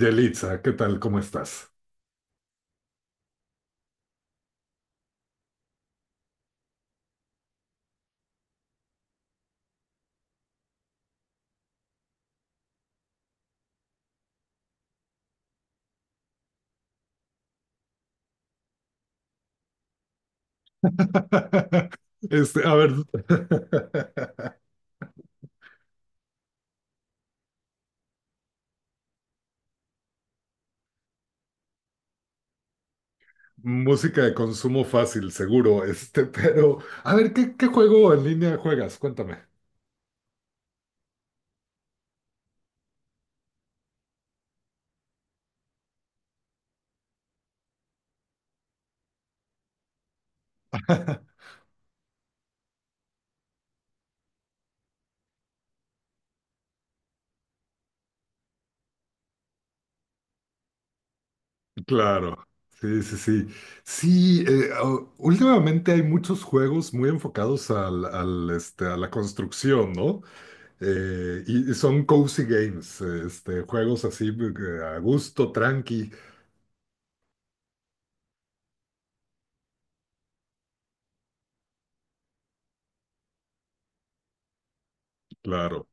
Yelitza, ¿qué tal? ¿Cómo estás? A ver, música de consumo fácil, seguro, pero, a ver, ¿qué juego en línea juegas? Cuéntame. Claro, sí, sí, sí. Sí, últimamente hay muchos juegos muy enfocados a la construcción, ¿no? Y son cozy games, juegos así, a gusto, tranqui, claro.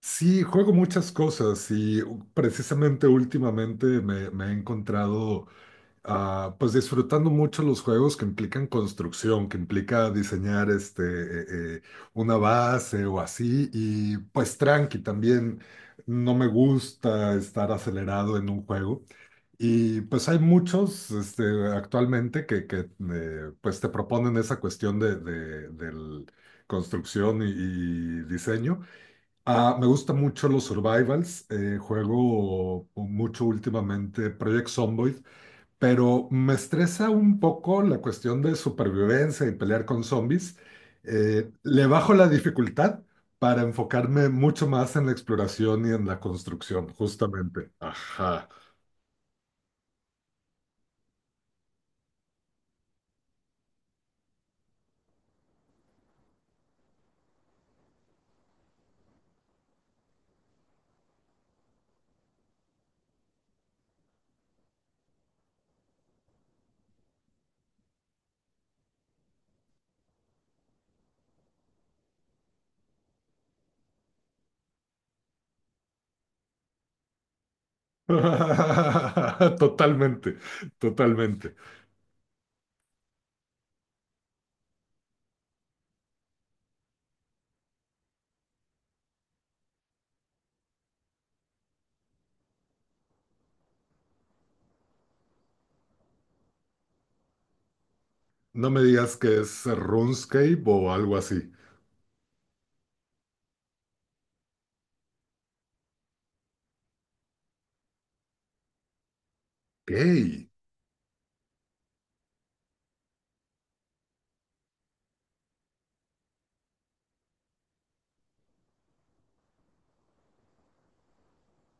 Sí, juego muchas cosas y precisamente últimamente me he encontrado, pues disfrutando mucho los juegos que implican construcción, que implica diseñar, eh, una base o así y pues tranqui también. No me gusta estar acelerado en un juego y pues hay muchos, actualmente, que pues te proponen esa cuestión de, del construcción y diseño. Ah, me gustan mucho los survivals. Juego mucho últimamente Project Zomboid, pero me estresa un poco la cuestión de supervivencia y pelear con zombies. Le bajo la dificultad para enfocarme mucho más en la exploración y en la construcción, justamente. Ajá. Totalmente, totalmente. No me digas que es RuneScape o algo así. Gay.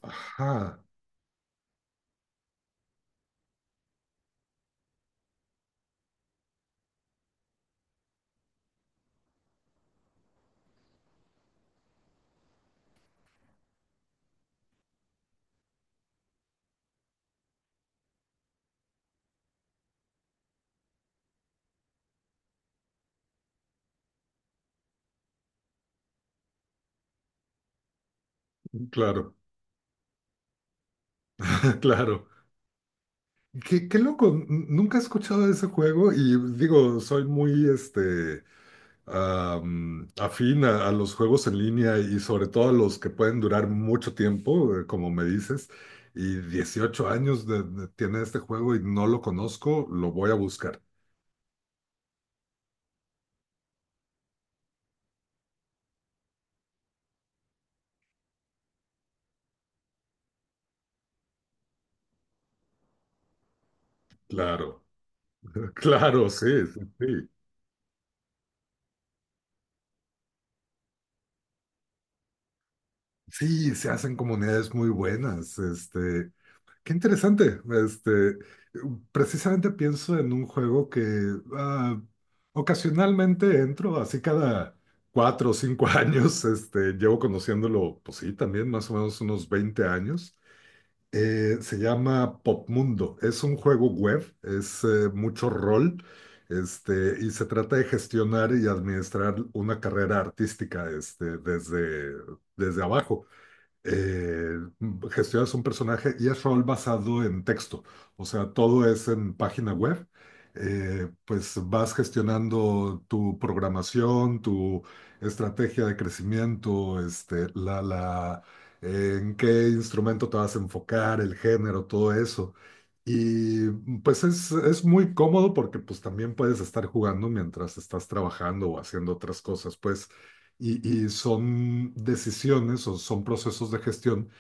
Ajá, claro, claro. Qué loco, nunca he escuchado de ese juego y digo, soy muy afín a los juegos en línea y sobre todo a los que pueden durar mucho tiempo, como me dices, y 18 años tiene este juego y no lo conozco, lo voy a buscar. Claro, claro, sí, sí, sí. Sí, se hacen comunidades muy buenas. Qué interesante. Precisamente pienso en un juego que, ah, ocasionalmente entro, así cada 4 o 5 años, llevo conociéndolo, pues sí, también más o menos unos 20 años. Se llama Popmundo. Es un juego web, es mucho rol, y se trata de gestionar y administrar una carrera artística, desde, abajo. Eh, gestionas un personaje y es rol basado en texto, o sea, todo es en página web. Pues vas gestionando tu programación, tu estrategia de crecimiento, en qué instrumento te vas a enfocar, el género, todo eso. Y pues es muy cómodo porque pues también puedes estar jugando mientras estás trabajando o haciendo otras cosas. Pues y son decisiones o son procesos de gestión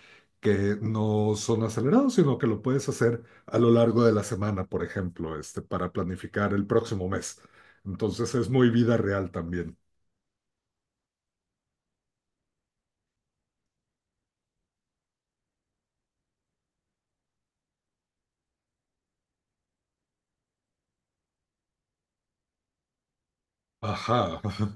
que no son acelerados, sino que lo puedes hacer a lo largo de la semana, por ejemplo, para planificar el próximo mes. Entonces es muy vida real también. Ajá.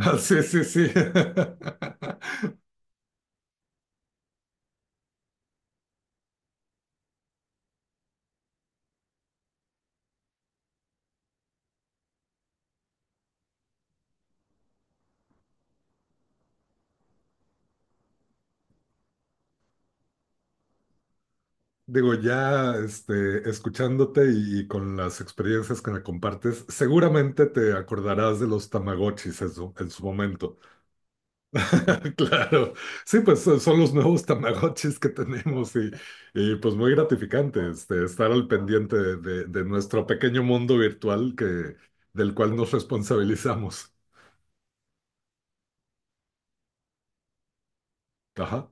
Ah, sí, sí, sí. Digo, ya escuchándote y, con las experiencias que me compartes, seguramente te acordarás de los Tamagotchis en su momento. Claro, sí, pues son los nuevos Tamagotchis que tenemos y, pues muy gratificante, estar al pendiente de, de nuestro pequeño mundo virtual, que, del cual nos responsabilizamos. Ajá.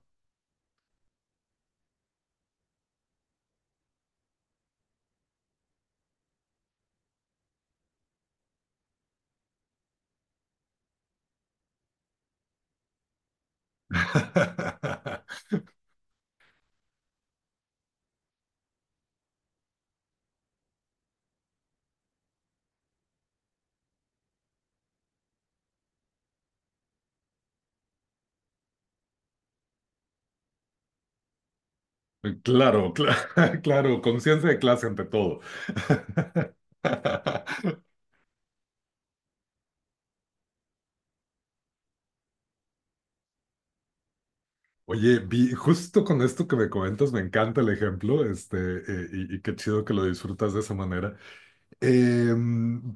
Claro, claro, conciencia de clase ante todo. Oye, justo con esto que me comentas, me encanta el ejemplo, y qué chido que lo disfrutas de esa manera. Eh,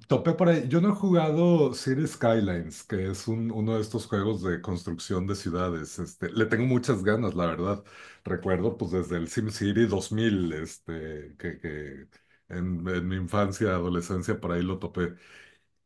Topé por ahí. Yo no he jugado Cities Skylines, que es uno de estos juegos de construcción de ciudades. Le tengo muchas ganas, la verdad. Recuerdo, pues, desde el SimCity 2000, que en mi infancia, adolescencia, por ahí lo topé.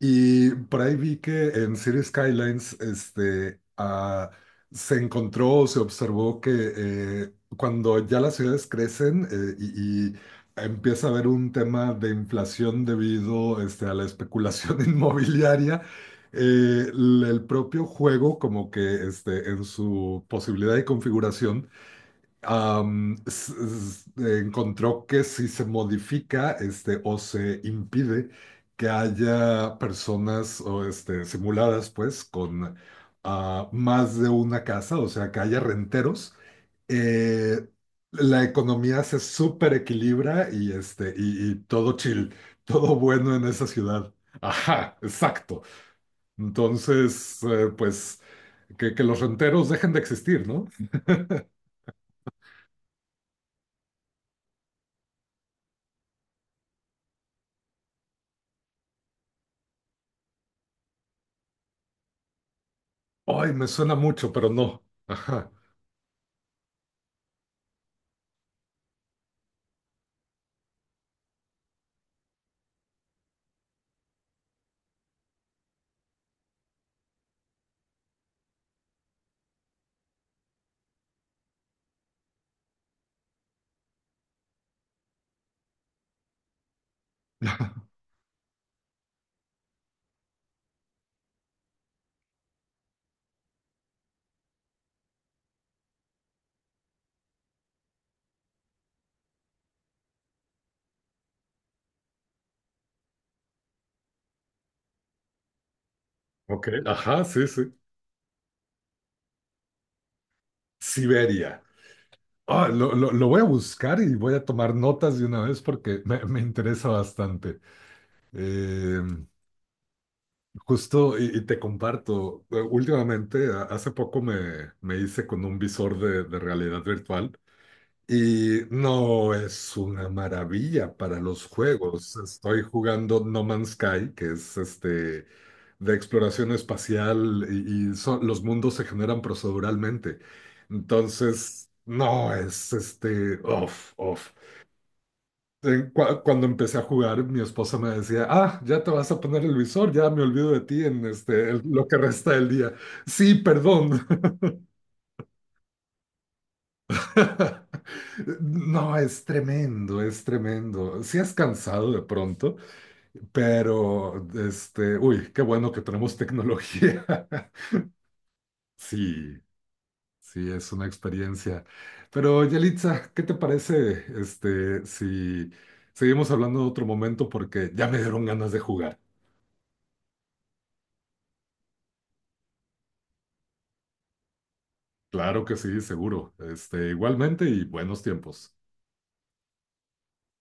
Y por ahí vi que en City Skylines, se encontró o se observó que, cuando ya las ciudades crecen, y empieza a haber un tema de inflación debido, a la especulación inmobiliaria, el propio juego, como que, en su posibilidad y configuración, encontró que si se modifica, o se impide que haya personas o, simuladas pues con, más de una casa, o sea, que haya renteros, eh, la economía se super equilibra y todo chill, todo bueno en esa ciudad. Ajá, exacto. Entonces, pues que los renteros dejen de existir, no. Ay, me suena mucho, pero no. Ajá. Ok, ajá, sí, sí. Siberia. Ah, lo voy a buscar y voy a tomar notas de una vez porque me interesa bastante. Eh, Justo, y te comparto, últimamente, hace poco me hice con un visor de realidad virtual y no es una maravilla para los juegos. Estoy jugando No Man's Sky, que es de exploración espacial y los mundos se generan proceduralmente. Entonces, no es off, off. Cuando empecé a jugar, mi esposa me decía: «Ah, ya te vas a poner el visor, ya me olvido de ti en lo que resta del día». Sí, perdón. No, es tremendo, es tremendo. Sí es cansado de pronto, pero, uy, qué bueno que tenemos tecnología. Sí, sí, es una experiencia. Pero Yelitza, ¿qué te parece, si seguimos hablando en otro momento? Porque ya me dieron ganas de jugar. Claro que sí, seguro. Igualmente y buenos tiempos.